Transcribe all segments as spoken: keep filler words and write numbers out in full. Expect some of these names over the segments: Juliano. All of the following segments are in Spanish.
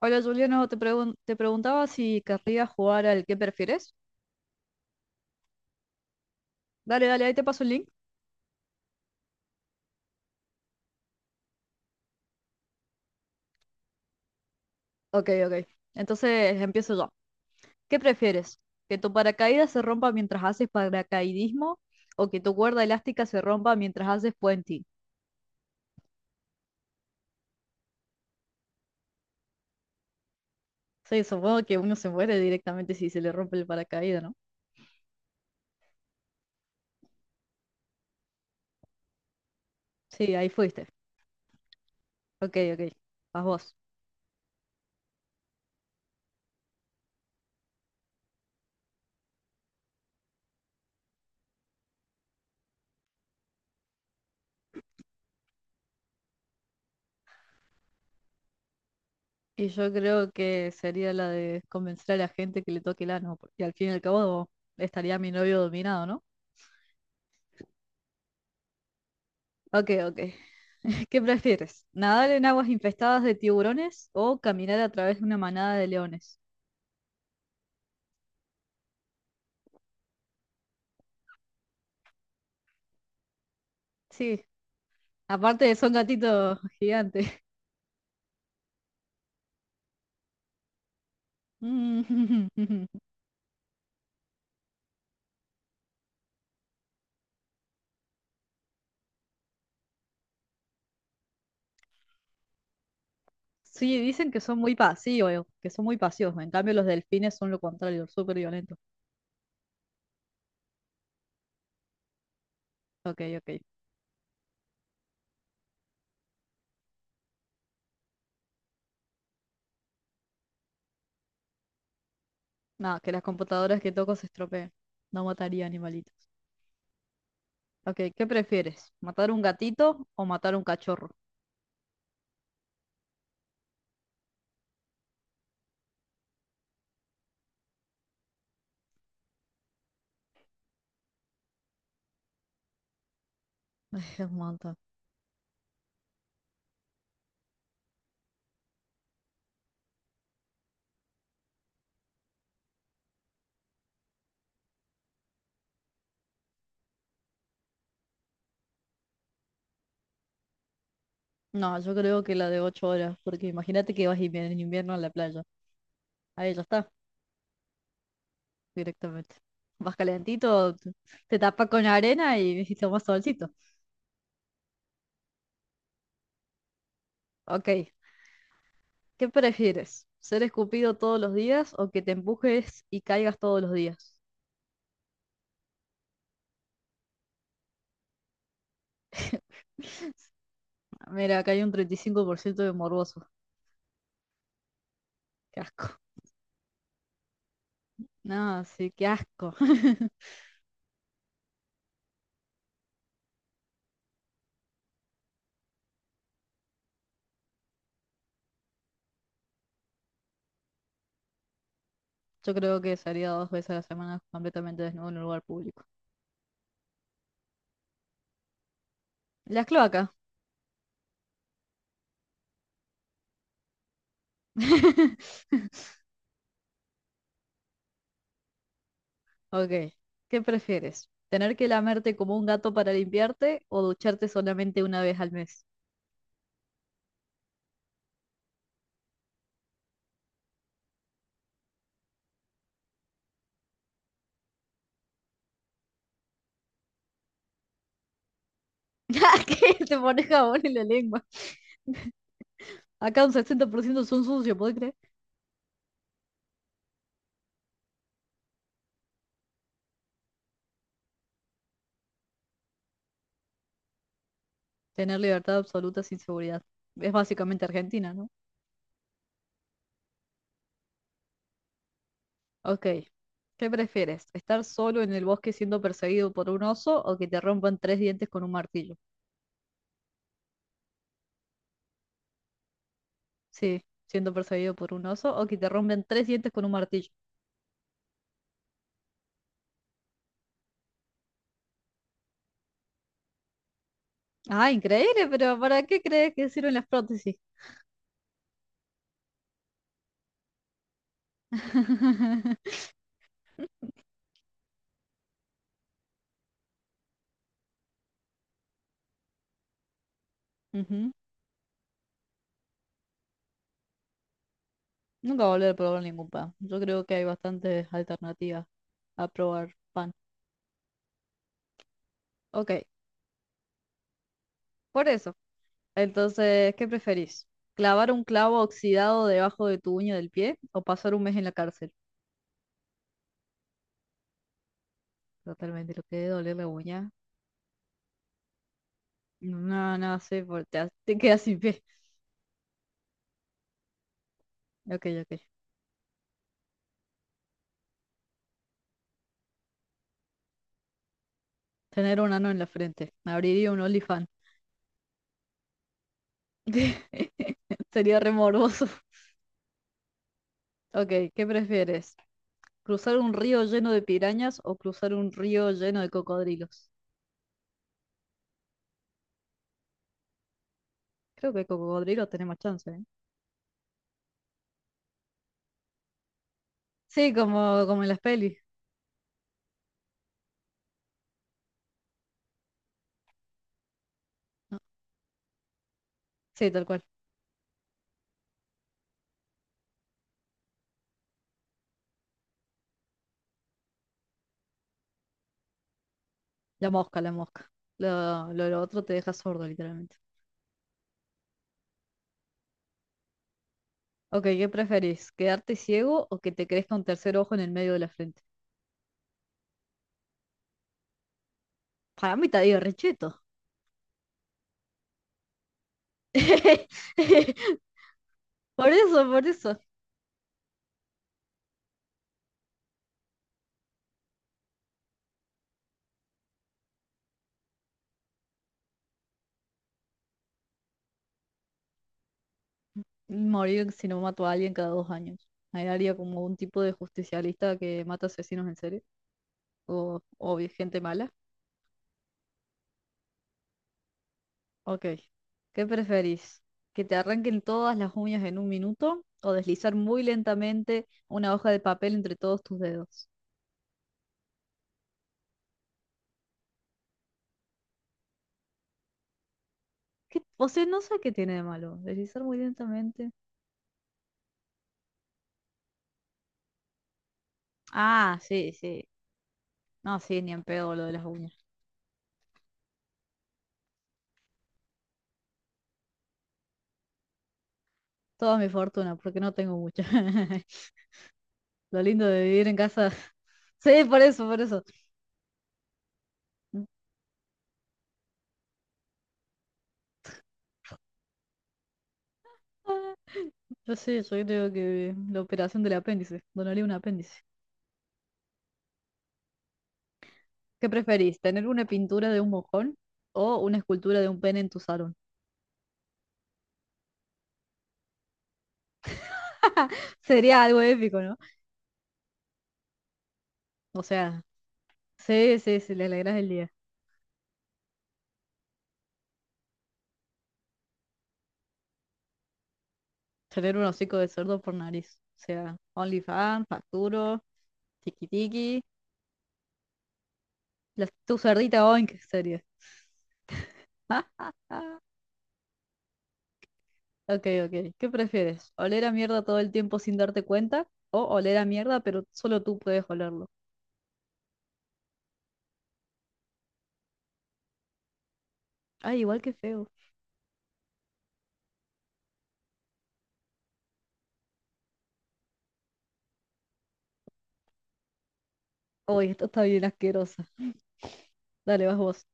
Hola Juliano, te pregun- te preguntaba si querrías jugar al ¿qué prefieres? Dale, dale, ahí te paso el link. Ok, ok. Entonces empiezo yo. ¿Qué prefieres? ¿Que tu paracaídas se rompa mientras haces paracaidismo o que tu cuerda elástica se rompa mientras haces puenting? Sí, supongo que uno se muere directamente si se le rompe el paracaídas, ¿no? Sí, ahí fuiste. Ok, ok. Vas vos. Y yo creo que sería la de convencer a la gente que le toque el ano, porque al fin y al cabo estaría mi novio dominado, ¿no? Ok, ok. ¿Qué prefieres? ¿Nadar en aguas infestadas de tiburones o caminar a través de una manada de leones? Sí, aparte son gatitos gigantes. Mm, sí, dicen que son muy pasivos, que son muy pasivos. En cambio, los delfines son lo contrario, súper violentos. Ok, ok. No, que las computadoras que toco se estropeen. No mataría animalitos. Ok, ¿qué prefieres? ¿Matar un gatito o matar un cachorro? Ay, es un montón. No, yo creo que la de ocho horas, porque imagínate que vas invi- en invierno a la playa. Ahí ya está, directamente. Vas calentito, te te tapas con arena y, y tomas solcito. Ok, ¿qué prefieres? ¿Ser escupido todos los días o que te empujes y caigas todos los días? Mira, acá hay un treinta y cinco por ciento de morboso. Qué asco. No, sí, qué asco. Yo creo que salía dos veces a la semana completamente desnudo en un lugar público. Las cloacas. Ok, ¿qué prefieres? ¿Tener que lamerte como un gato para limpiarte o ducharte solamente una vez al mes? Que te pones jabón en la lengua. Acá un sesenta por ciento son sucios, ¿podés creer? Tener libertad absoluta sin seguridad. Es básicamente Argentina, ¿no? Ok. ¿Qué prefieres? ¿Estar solo en el bosque siendo perseguido por un oso o que te rompan tres dientes con un martillo? Sí, siendo perseguido por un oso o que te rompan tres dientes con un martillo. Ah, increíble, pero ¿para qué crees que sirven las prótesis? Ujú. Nunca volver a probar ningún pan. Yo creo que hay bastantes alternativas a probar pan. Ok, por eso. Entonces, ¿qué preferís? ¿Clavar un clavo oxidado debajo de tu uña del pie o pasar un mes en la cárcel? Totalmente, lo que debe doler la uña. No, no sé, por- te, ha- te quedas sin pie. Ok, ok. Tener un ano en la frente. Abriría un OnlyFans. Sería re morboso. Ok, ¿qué prefieres? ¿Cruzar un río lleno de pirañas o cruzar un río lleno de cocodrilos? Creo que cocodrilos tenemos chance, ¿eh? Sí, como, como en las pelis. ¿No? Sí, tal cual. La mosca, la mosca. Lo, lo, lo otro te deja sordo, literalmente. Ok, ¿qué preferís? ¿Quedarte ciego o que te crezca un tercer ojo en el medio de la frente? Para mí te digo, recheto. Por eso, por eso. Morir si no mato a alguien cada dos años. Ahí haría como un tipo de justicialista que mata asesinos en serie. O, o gente mala. Ok. ¿Qué preferís? ¿Que te arranquen todas las uñas en un minuto? ¿O deslizar muy lentamente una hoja de papel entre todos tus dedos? ¿Qué? O sea, no sé qué tiene de malo. Deslizar muy lentamente. Ah, sí, sí. No, sí, ni en pedo lo de las uñas. Toda mi fortuna, porque no tengo mucha. Lo lindo de vivir en casa. Sí, por eso, por eso. Ah, yo sí, yo creo que la operación del apéndice. Donaría un apéndice. ¿Qué preferís? ¿Tener una pintura de un mojón o una escultura de un pene en tu salón? Sería algo épico, ¿no? O sea, sí, sí, sí, le alegras el día. Tener un hocico de cerdo por nariz. O sea, OnlyFans, facturo. Tiquitiqui. La, tu cerdita Boing, serie. Ok, ok. ¿Qué prefieres? ¿Oler a mierda todo el tiempo sin darte cuenta? ¿O oler a mierda, pero solo tú puedes olerlo? Ay, igual que feo. Uy, esto está bien asquerosa. Dale, vas vos.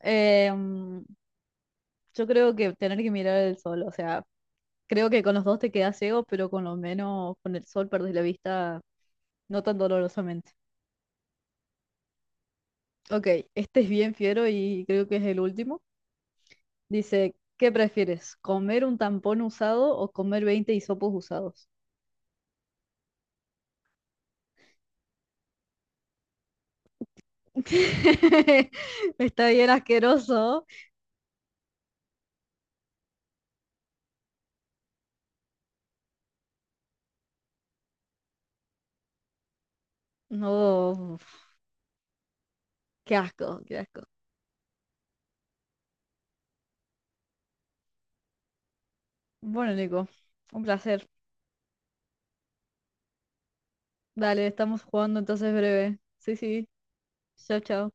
Eh, mm, yo creo que tener que mirar el sol, o sea, creo que con los dos te quedas ciego, pero con lo menos con el sol perdés la vista no tan dolorosamente. Ok, este es bien fiero y creo que es el último. Dice, ¿qué prefieres? ¿Comer un tampón usado o comer veinte hisopos usados? Está bien asqueroso. No, qué asco, qué asco. Bueno, Nico, un placer. Dale, estamos jugando entonces breve. Sí, sí. Chao, chao.